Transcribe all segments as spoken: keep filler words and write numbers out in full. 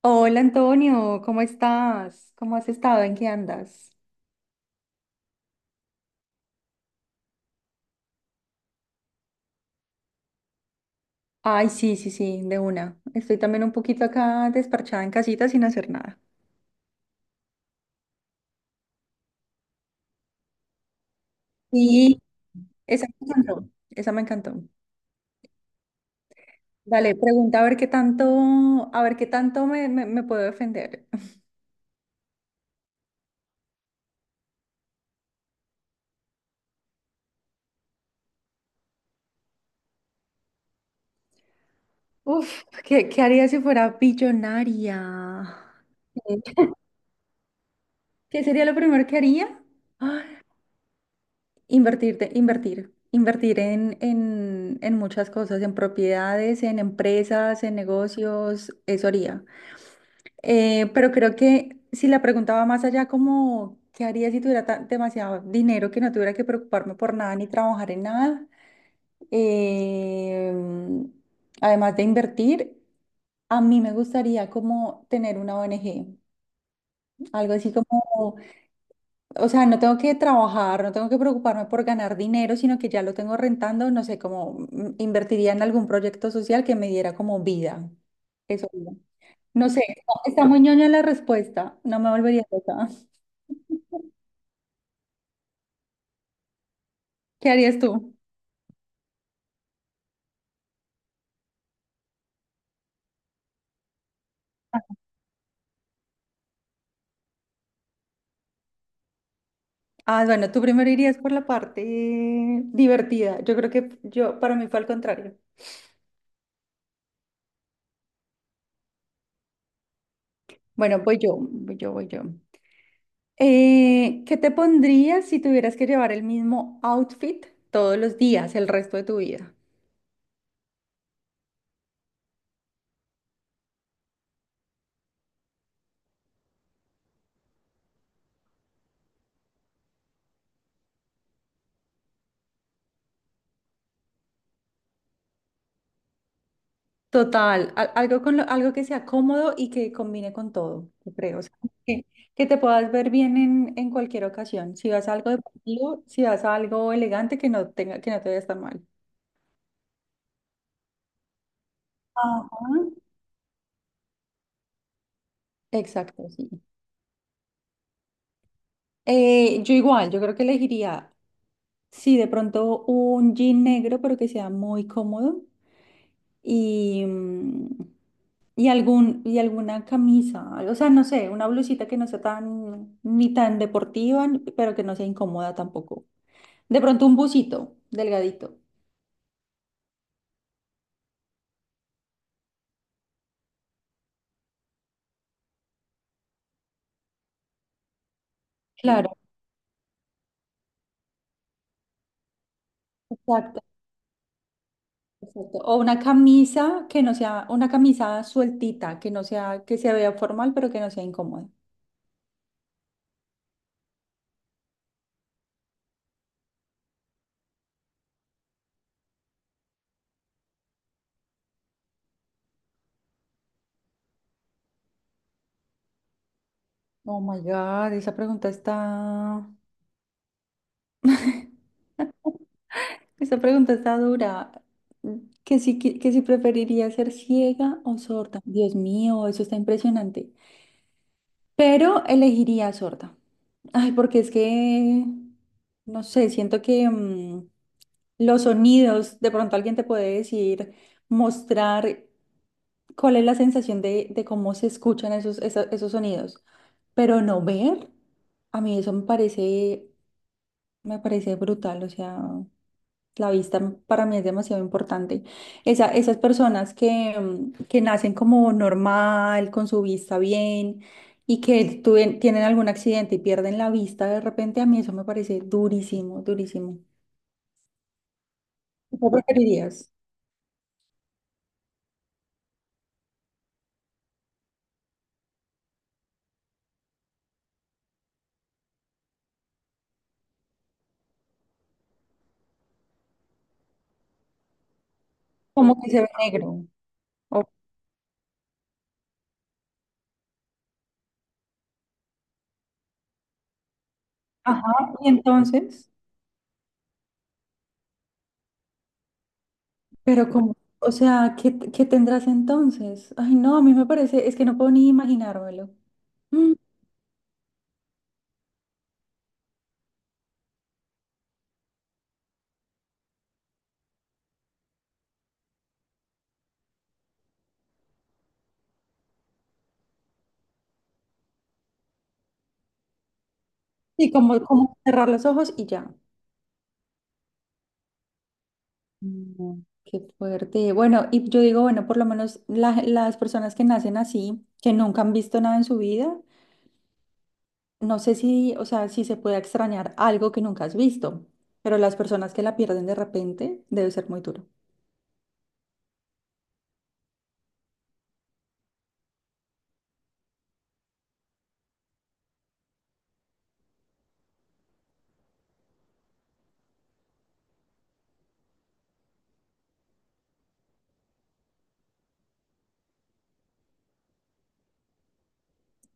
Hola Antonio, ¿cómo estás? ¿Cómo has estado? ¿En qué andas? Ay, sí, sí, sí, de una. Estoy también un poquito acá desparchada en casita sin hacer nada. Y esa me encantó, esa me encantó. Dale, pregunta a ver qué tanto, a ver qué tanto me, me- me puedo defender. Uf, ¿qué, qué haría si fuera billonaria? ¿Qué sería lo primero que haría? Invertirte, invertir, invertir en, en, en muchas cosas, en propiedades, en empresas, en negocios, eso haría. Eh, pero creo que si la pregunta va más allá, como, ¿qué haría si tuviera ta- demasiado dinero que no tuviera que preocuparme por nada ni trabajar en nada? Eh, además de invertir, a mí me gustaría como tener una O N G, algo así como. O sea, no tengo que trabajar, no tengo que preocuparme por ganar dinero, sino que ya lo tengo rentando, no sé, como mm, invertiría en algún proyecto social que me diera como vida. Eso digo. No sé, está está muy ñoña la respuesta, no me volvería loca. ¿Qué harías tú? Ah, bueno, tú primero irías por la parte divertida. Yo creo que yo, para mí fue al contrario. Bueno, voy yo, voy yo, voy yo. Eh, ¿qué te pondrías si tuvieras que llevar el mismo outfit todos los días, el resto de tu vida? Total, al- algo con lo- algo que sea cómodo y que combine con todo, yo creo. O sea, que, que te puedas ver bien en, en cualquier ocasión. Si vas a algo deportivo, si vas a algo elegante, que no tenga, que no te vaya tan mal. Ajá. Exacto, sí. Eh, yo igual, yo creo que elegiría, sí, de pronto un jean negro, pero que sea muy cómodo. Y, mm, Y algún, y alguna camisa, o sea, no sé, una blusita que no sea tan, ni tan deportiva, ni- pero que no sea incómoda tampoco. De pronto un busito, delgadito. Sí. Claro, exacto, exacto. O una camisa que no sea, una camisa sueltita, que no sea, que se vea formal, pero que no sea incómoda. Oh my God, esa pregunta está, esa pregunta está dura. Que si, que, que si preferiría ser ciega o sorda. Dios mío, eso está impresionante. Pero elegiría sorda. Ay, porque es que, no sé, siento que mm, los sonidos, de pronto alguien te puede decir, mostrar cuál es la sensación de, de cómo se escuchan esos, esa- esos sonidos. Pero no ver, a mí eso me parece, me parece, brutal, o sea. La vista para mí es demasiado importante. Esa, esas personas que, mm, que nacen como normal, con su vista bien y que tuven- tienen algún accidente y pierden la vista de repente, a mí eso me parece durísimo, durísimo. ¿Qué preferirías? Como que se ve negro. O- ajá, y entonces, pero como, o sea, ¿qué, qué tendrás entonces? Ay, no, a mí me parece, es que no puedo ni imaginármelo. Mm, Y como, como cerrar los ojos y ya. No, qué fuerte. Bueno, y yo digo, bueno, por lo menos la- las personas que nacen así, que nunca han visto nada en su vida, no sé si, o sea, si se puede extrañar algo que nunca has visto, pero las personas que la pierden de repente, debe ser muy duro.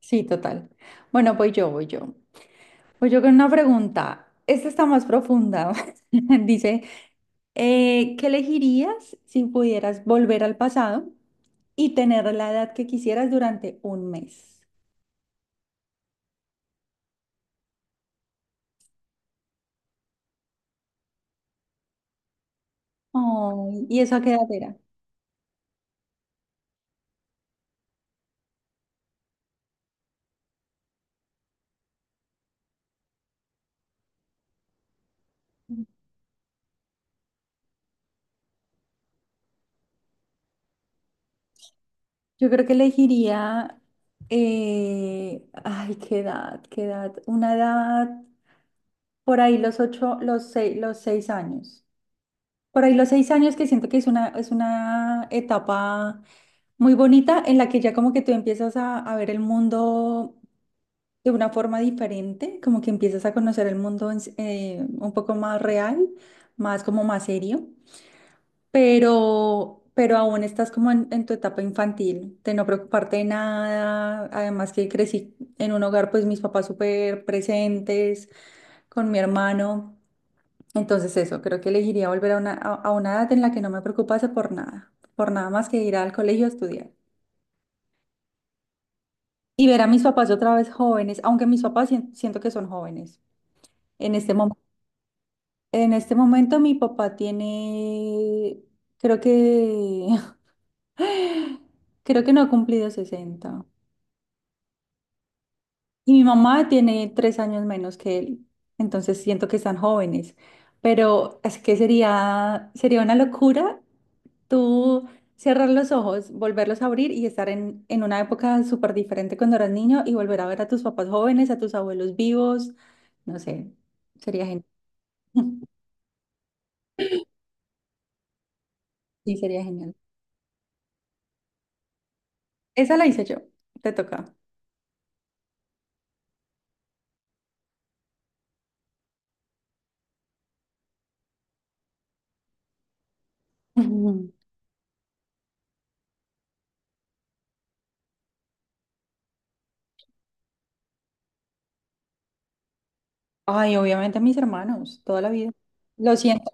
Sí, total. Bueno, voy yo, voy yo. Voy yo con una pregunta. Esta está más profunda. Dice, eh, ¿qué elegirías si pudieras volver al pasado y tener la edad que quisieras durante un mes? Oh, ¿y eso a qué edad era? Yo creo que elegiría, eh, ay, qué edad, qué edad, una edad por ahí los ocho, los seis, los seis años. Por ahí los seis años que siento que es una, es una etapa muy bonita en la que ya como que tú empiezas a, a ver el mundo de una forma diferente, como que empiezas a conocer el mundo en s- eh, un poco más real, más como más serio. pero, pero aún estás como en, en tu etapa infantil, de no preocuparte de nada. Además que crecí en un hogar, pues mis papás súper presentes, con mi hermano. Entonces eso, creo que elegiría volver a una, a, a una edad en la que no me preocupase por nada, por nada más que ir al colegio a estudiar. Y ver a mis papás otra vez jóvenes, aunque mis papás sien- siento que son jóvenes. En este momento, en este momento mi papá tiene, creo que, creo que no ha cumplido sesenta. Y mi mamá tiene tres años menos que él, entonces siento que están jóvenes. Pero es que sería, sería una locura tú cerrar los ojos, volverlos a abrir y estar en, en una época súper diferente cuando eras niño y volver a ver a tus papás jóvenes, a tus abuelos vivos. No sé, sería genial. Sí, sería genial. Esa la hice yo, te toca. Ujú. Ay, obviamente a mis hermanos, toda la vida. Lo siento.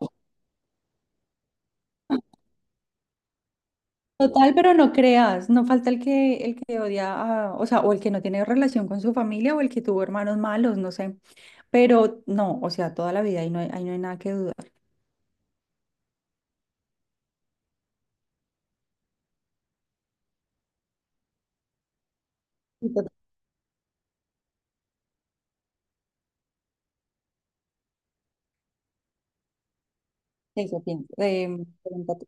Total, pero no creas, no falta el que, el que, odia, a- o sea, o el que no tiene relación con su familia o el que tuvo hermanos malos, no sé. Pero no, o sea, toda la vida ahí no hay, ahí no hay nada que dudar. Y total, eso pienso. Em, pregúntate.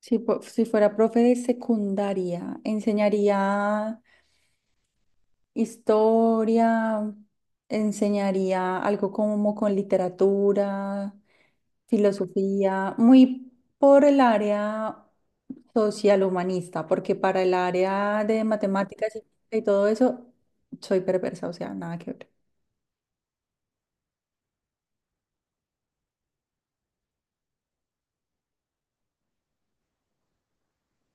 si, fu- si fuera profe de secundaria, enseñaría historia, enseñaría algo como con literatura. Filosofía, muy por el área social humanista, porque para el área de matemáticas y y todo eso, soy perversa, o sea, nada que ver.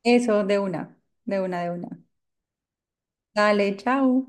Eso, de una, de una, de una. Dale, chao.